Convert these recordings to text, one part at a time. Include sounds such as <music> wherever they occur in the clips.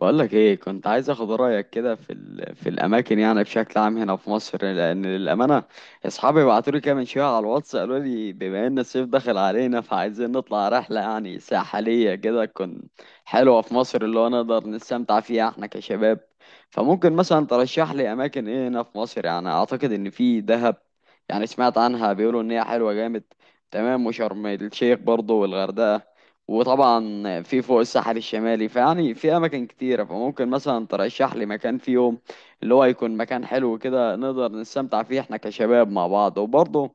بقولك ايه، كنت عايز اخد رايك كده في الاماكن يعني بشكل عام هنا في مصر، لان للامانه اصحابي بعتوا لي كده من شويه على الواتس، قالوا لي بما ان الصيف داخل علينا فعايزين نطلع رحله يعني ساحليه كده، تكون حلوه في مصر، اللي هو نقدر نستمتع فيها احنا كشباب. فممكن مثلا ترشح لي اماكن ايه هنا في مصر؟ يعني اعتقد ان في دهب، يعني سمعت عنها بيقولوا ان هي حلوه جامد. تمام، وشرم الشيخ برضه، والغردقه، وطبعا في فوق الساحل الشمالي، فيعني في اماكن كتيره. فممكن مثلا ترشح لي مكان في يوم اللي هو يكون مكان حلو كده، نقدر نستمتع فيه احنا كشباب مع بعض، وبرضه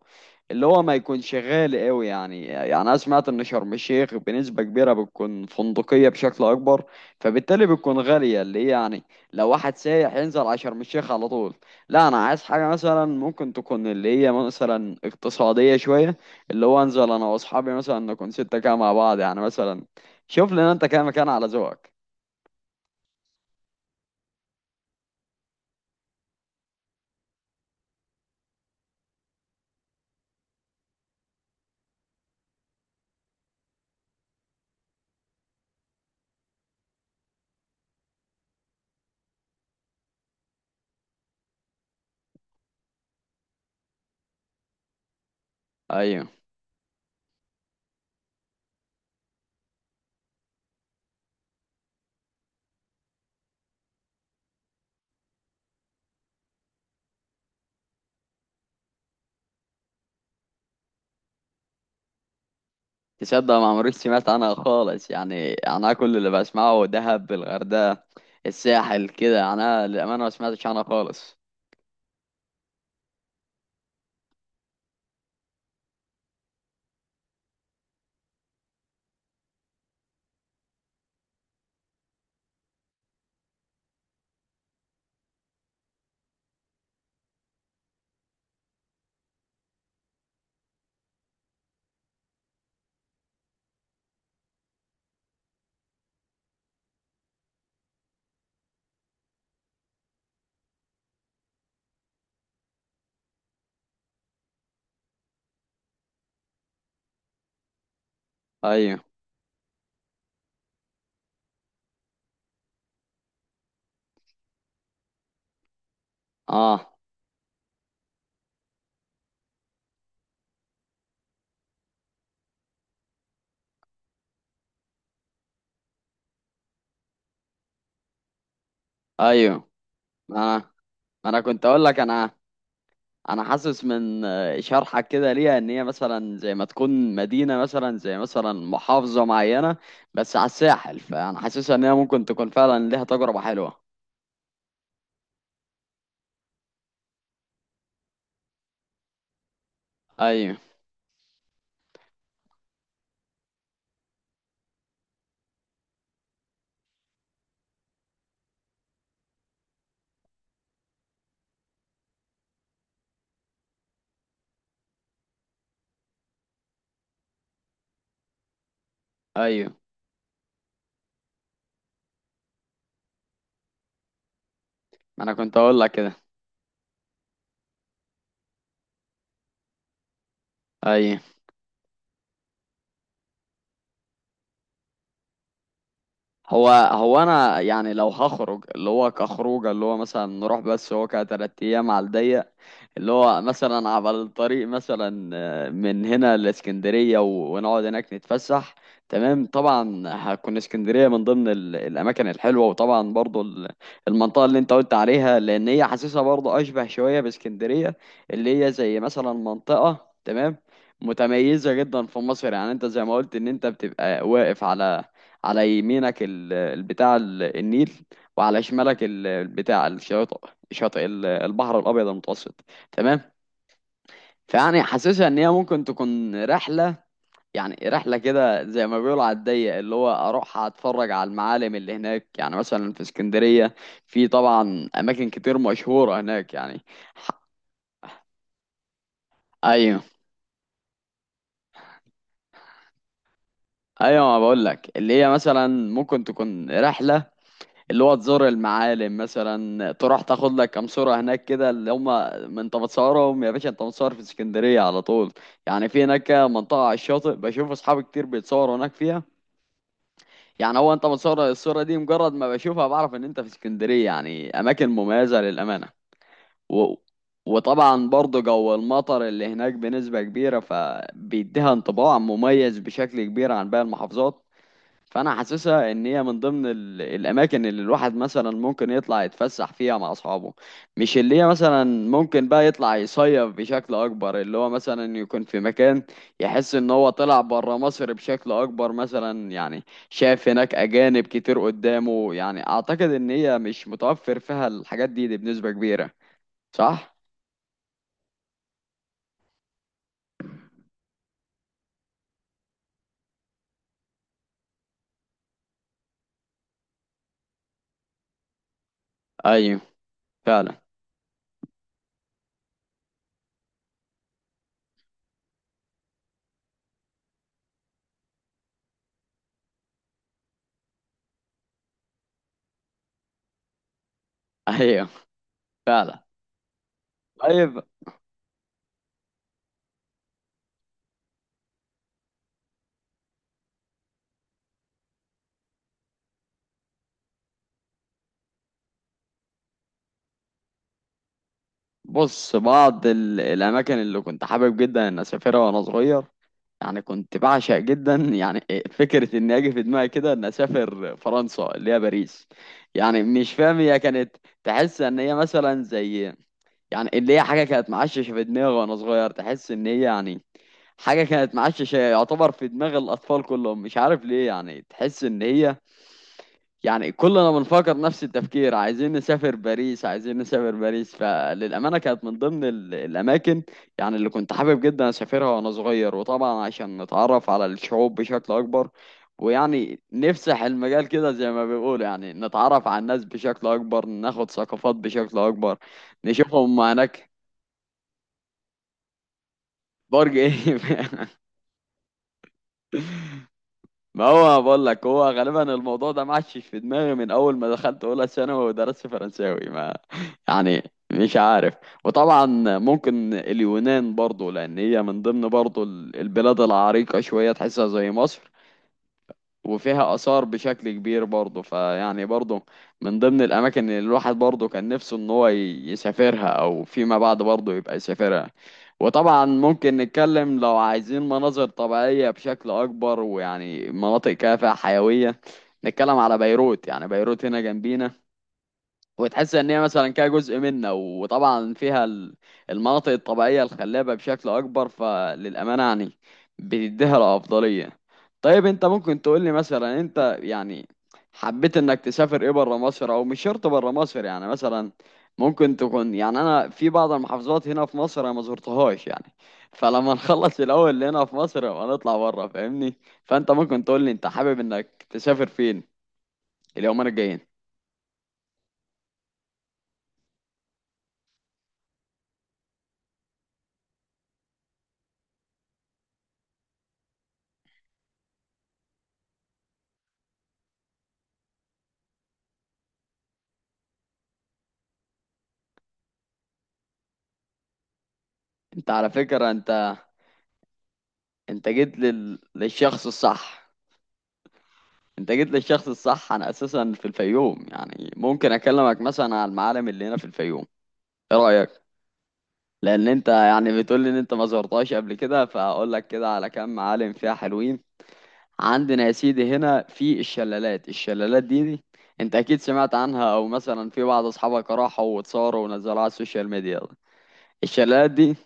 اللي هو ما يكونش غالي قوي. يعني انا سمعت ان شرم الشيخ بنسبه كبيره بتكون فندقيه بشكل اكبر، فبالتالي بتكون غاليه، اللي هي يعني لو واحد سايح ينزل على شرم الشيخ على طول. لا انا عايز حاجه مثلا ممكن تكون اللي هي مثلا اقتصاديه شويه، اللي هو انزل انا واصحابي مثلا نكون 6 كده مع بعض، يعني مثلا شوف لنا انت كده مكان على ذوقك. ايوه. تصدق ما عمريش سمعت عنها خالص، يعني انا كل اللي بسمعه دهب، الغردقة، الساحل كده، يعني انا للامانة ما سمعتش عنها خالص. ايوه. اه. ايوه. انا انا كنت اقول لك، انا حاسس من شرحك كده ليها ان هي مثلا زي ما تكون مدينة، مثلا زي مثلا محافظة معينة بس على الساحل، فانا حاسسها ان هي ممكن تكون فعلا ليها تجربة حلوة. ايوه، ايوه، ما انا كنت اقول لك كده. ايوه. هو انا يعني لو هخرج اللي هو كخروجه، اللي هو مثلا نروح بس هو كتلات ايام على الضيق، اللي هو مثلا على الطريق مثلا من هنا لاسكندريه ونقعد هناك نتفسح. تمام، طبعا هتكون اسكندريه من ضمن الاماكن الحلوه، وطبعا برضو المنطقه اللي انت قلت عليها، لان هي حاسسها برضو اشبه شويه باسكندريه، اللي هي زي مثلا منطقه تمام متميزه جدا في مصر. يعني انت زي ما قلت ان انت بتبقى واقف على يمينك البتاع، النيل، وعلى شمالك البتاع، الشاطئ، شاطئ البحر الابيض المتوسط. تمام. فيعني حاسسها ان هي ممكن تكون رحله، يعني رحله كده زي ما بيقولوا على الضيق، اللي هو اروح اتفرج على المعالم اللي هناك، يعني مثلا في اسكندريه في طبعا اماكن كتير مشهوره هناك يعني. ح- ايوه. ايوه، ما بقول لك اللي هي مثلا ممكن تكون رحله، اللي هو تزور المعالم، مثلا تروح تاخد لك كام صورة هناك كده، اللي هما ما انت بتصورهم يا باشا، انت متصور في اسكندرية على طول. يعني في هناك منطقة على الشاطئ بشوف اصحابي كتير بيتصوروا هناك فيها. يعني هو انت متصور الصورة دي، مجرد ما بشوفها بعرف ان انت في اسكندرية، يعني اماكن مميزة للأمانة. و... وطبعا برضه جو المطر اللي هناك بنسبة كبيرة، فبيديها انطباع مميز بشكل كبير عن باقي المحافظات. فانا حاسسها ان هي من ضمن الاماكن اللي الواحد مثلا ممكن يطلع يتفسح فيها مع اصحابه، مش اللي هي مثلا ممكن بقى يطلع يصيف بشكل اكبر، اللي هو مثلا يكون في مكان يحس ان هو طلع بره مصر بشكل اكبر مثلا. يعني شاف هناك اجانب كتير قدامه، يعني اعتقد ان هي مش متوفر فيها الحاجات دي بنسبة كبيرة، صح؟ ايوه، فعلا. ايوه، فعلا. طيب، بص، بعض الاماكن اللي كنت حابب جدا ان اسافرها وانا صغير، يعني كنت بعشق جدا يعني فكرة إن أجي في دماغي كده إن أسافر فرنسا، اللي هي باريس. يعني مش فاهم، هي كانت تحس إن هي مثلا زي، يعني اللي هي حاجة كانت معششة في دماغي وأنا صغير، تحس إن هي يعني حاجة كانت معششة يعتبر في دماغ الأطفال كلهم، مش عارف ليه. يعني تحس إن هي يعني كلنا بنفكر نفس التفكير، عايزين نسافر باريس، عايزين نسافر باريس. فللأمانة كانت من ضمن الأماكن يعني اللي كنت حابب جدا أسافرها وأنا صغير، وطبعا عشان نتعرف على الشعوب بشكل أكبر، ويعني نفسح المجال كده زي ما بيقولوا، يعني نتعرف على الناس بشكل أكبر، ناخد ثقافات بشكل أكبر، نشوفهم هناك. برج إيه؟ <laughs> ما هو بقول لك هو غالبا الموضوع ده معش في دماغي من اول ما دخلت اولى ثانوي ودرست فرنساوي، ما يعني مش عارف. وطبعا ممكن اليونان برضو، لان هي من ضمن برضو البلاد العريقة شوية، تحسها زي مصر، وفيها آثار بشكل كبير برضه، فيعني برضه من ضمن الأماكن اللي الواحد برضه كان نفسه إن هو يسافرها، أو فيما بعد برضه يبقى يسافرها. وطبعا ممكن نتكلم لو عايزين مناظر طبيعية بشكل أكبر ويعني مناطق كافة حيوية، نتكلم على بيروت، يعني بيروت هنا جنبينا، وتحس ان هي مثلا كده جزء منا، وطبعا فيها المناطق الطبيعيه الخلابه بشكل اكبر، فللامانه يعني بتديها الافضليه. طيب، انت ممكن تقول لي مثلا انت يعني حبيت انك تسافر ايه بره مصر، او مش شرط بره مصر يعني، مثلا ممكن تكون يعني انا في بعض المحافظات هنا في مصر انا ما زرتهاش، يعني فلما نخلص الاول اللي هنا في مصر يبقى نطلع بره، فاهمني؟ فانت ممكن تقول لي انت حابب انك تسافر فين اليومين الجايين؟ انت على فكره، انت جيت للشخص الصح، انت جيت للشخص الصح. انا اساسا في الفيوم، يعني ممكن اكلمك مثلا على المعالم اللي هنا في الفيوم. ايه رايك؟ لان انت يعني بتقول لي ان انت ما زرتهاش قبل كده، فاقول لك كده على كام معالم فيها حلوين. عندنا يا سيدي هنا في الشلالات دي انت اكيد سمعت عنها، او مثلا في بعض اصحابك راحوا واتصوروا ونزلوها على السوشيال ميديا. الشلالات دي،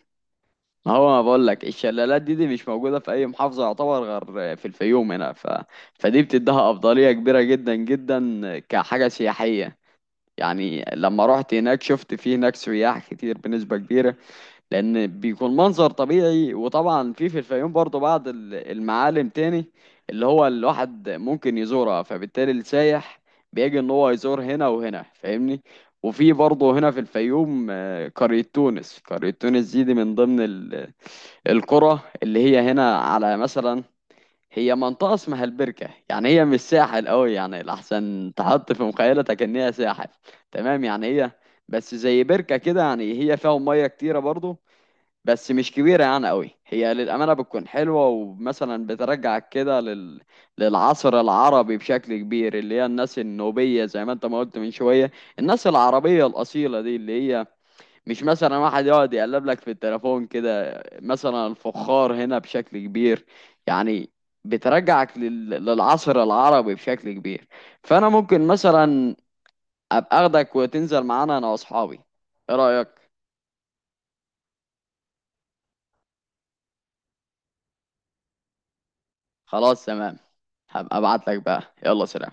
ما هو ما بقول لك الشلالات دي مش موجودة في أي محافظة يعتبر غير في الفيوم هنا، فدي بتديها أفضلية كبيرة جدا جدا كحاجة سياحية. يعني لما رحت هناك شفت في هناك سياح كتير بنسبة كبيرة، لأن بيكون منظر طبيعي. وطبعا في الفيوم برضو بعض المعالم تاني اللي هو الواحد ممكن يزورها، فبالتالي السايح بيجي إن هو يزور هنا وهنا، فاهمني؟ وفي برضه هنا في الفيوم قرية تونس دي من ضمن القرى اللي هي هنا على مثلا، هي منطقة اسمها البركة. يعني هي مش ساحل قوي، يعني لحسن تحط في مخيلتك ان هي ساحل، تمام؟ يعني هي بس زي بركة كده، يعني هي فيها مية كتيرة برضو، بس مش كبيرة يعني قوي. هي للأمانة بتكون حلوة، ومثلا بترجعك كده للعصر العربي بشكل كبير، اللي هي الناس النوبية زي ما انت ما قلت من شوية، الناس العربية الأصيلة دي، اللي هي مش مثلا واحد يقعد يقلب لك في التليفون كده. مثلا الفخار هنا بشكل كبير، يعني بترجعك للعصر العربي بشكل كبير. فانا ممكن مثلا ابقى اخدك وتنزل معانا انا واصحابي، ايه رأيك؟ خلاص تمام، هبقى ابعت لك بقى، يلا سلام.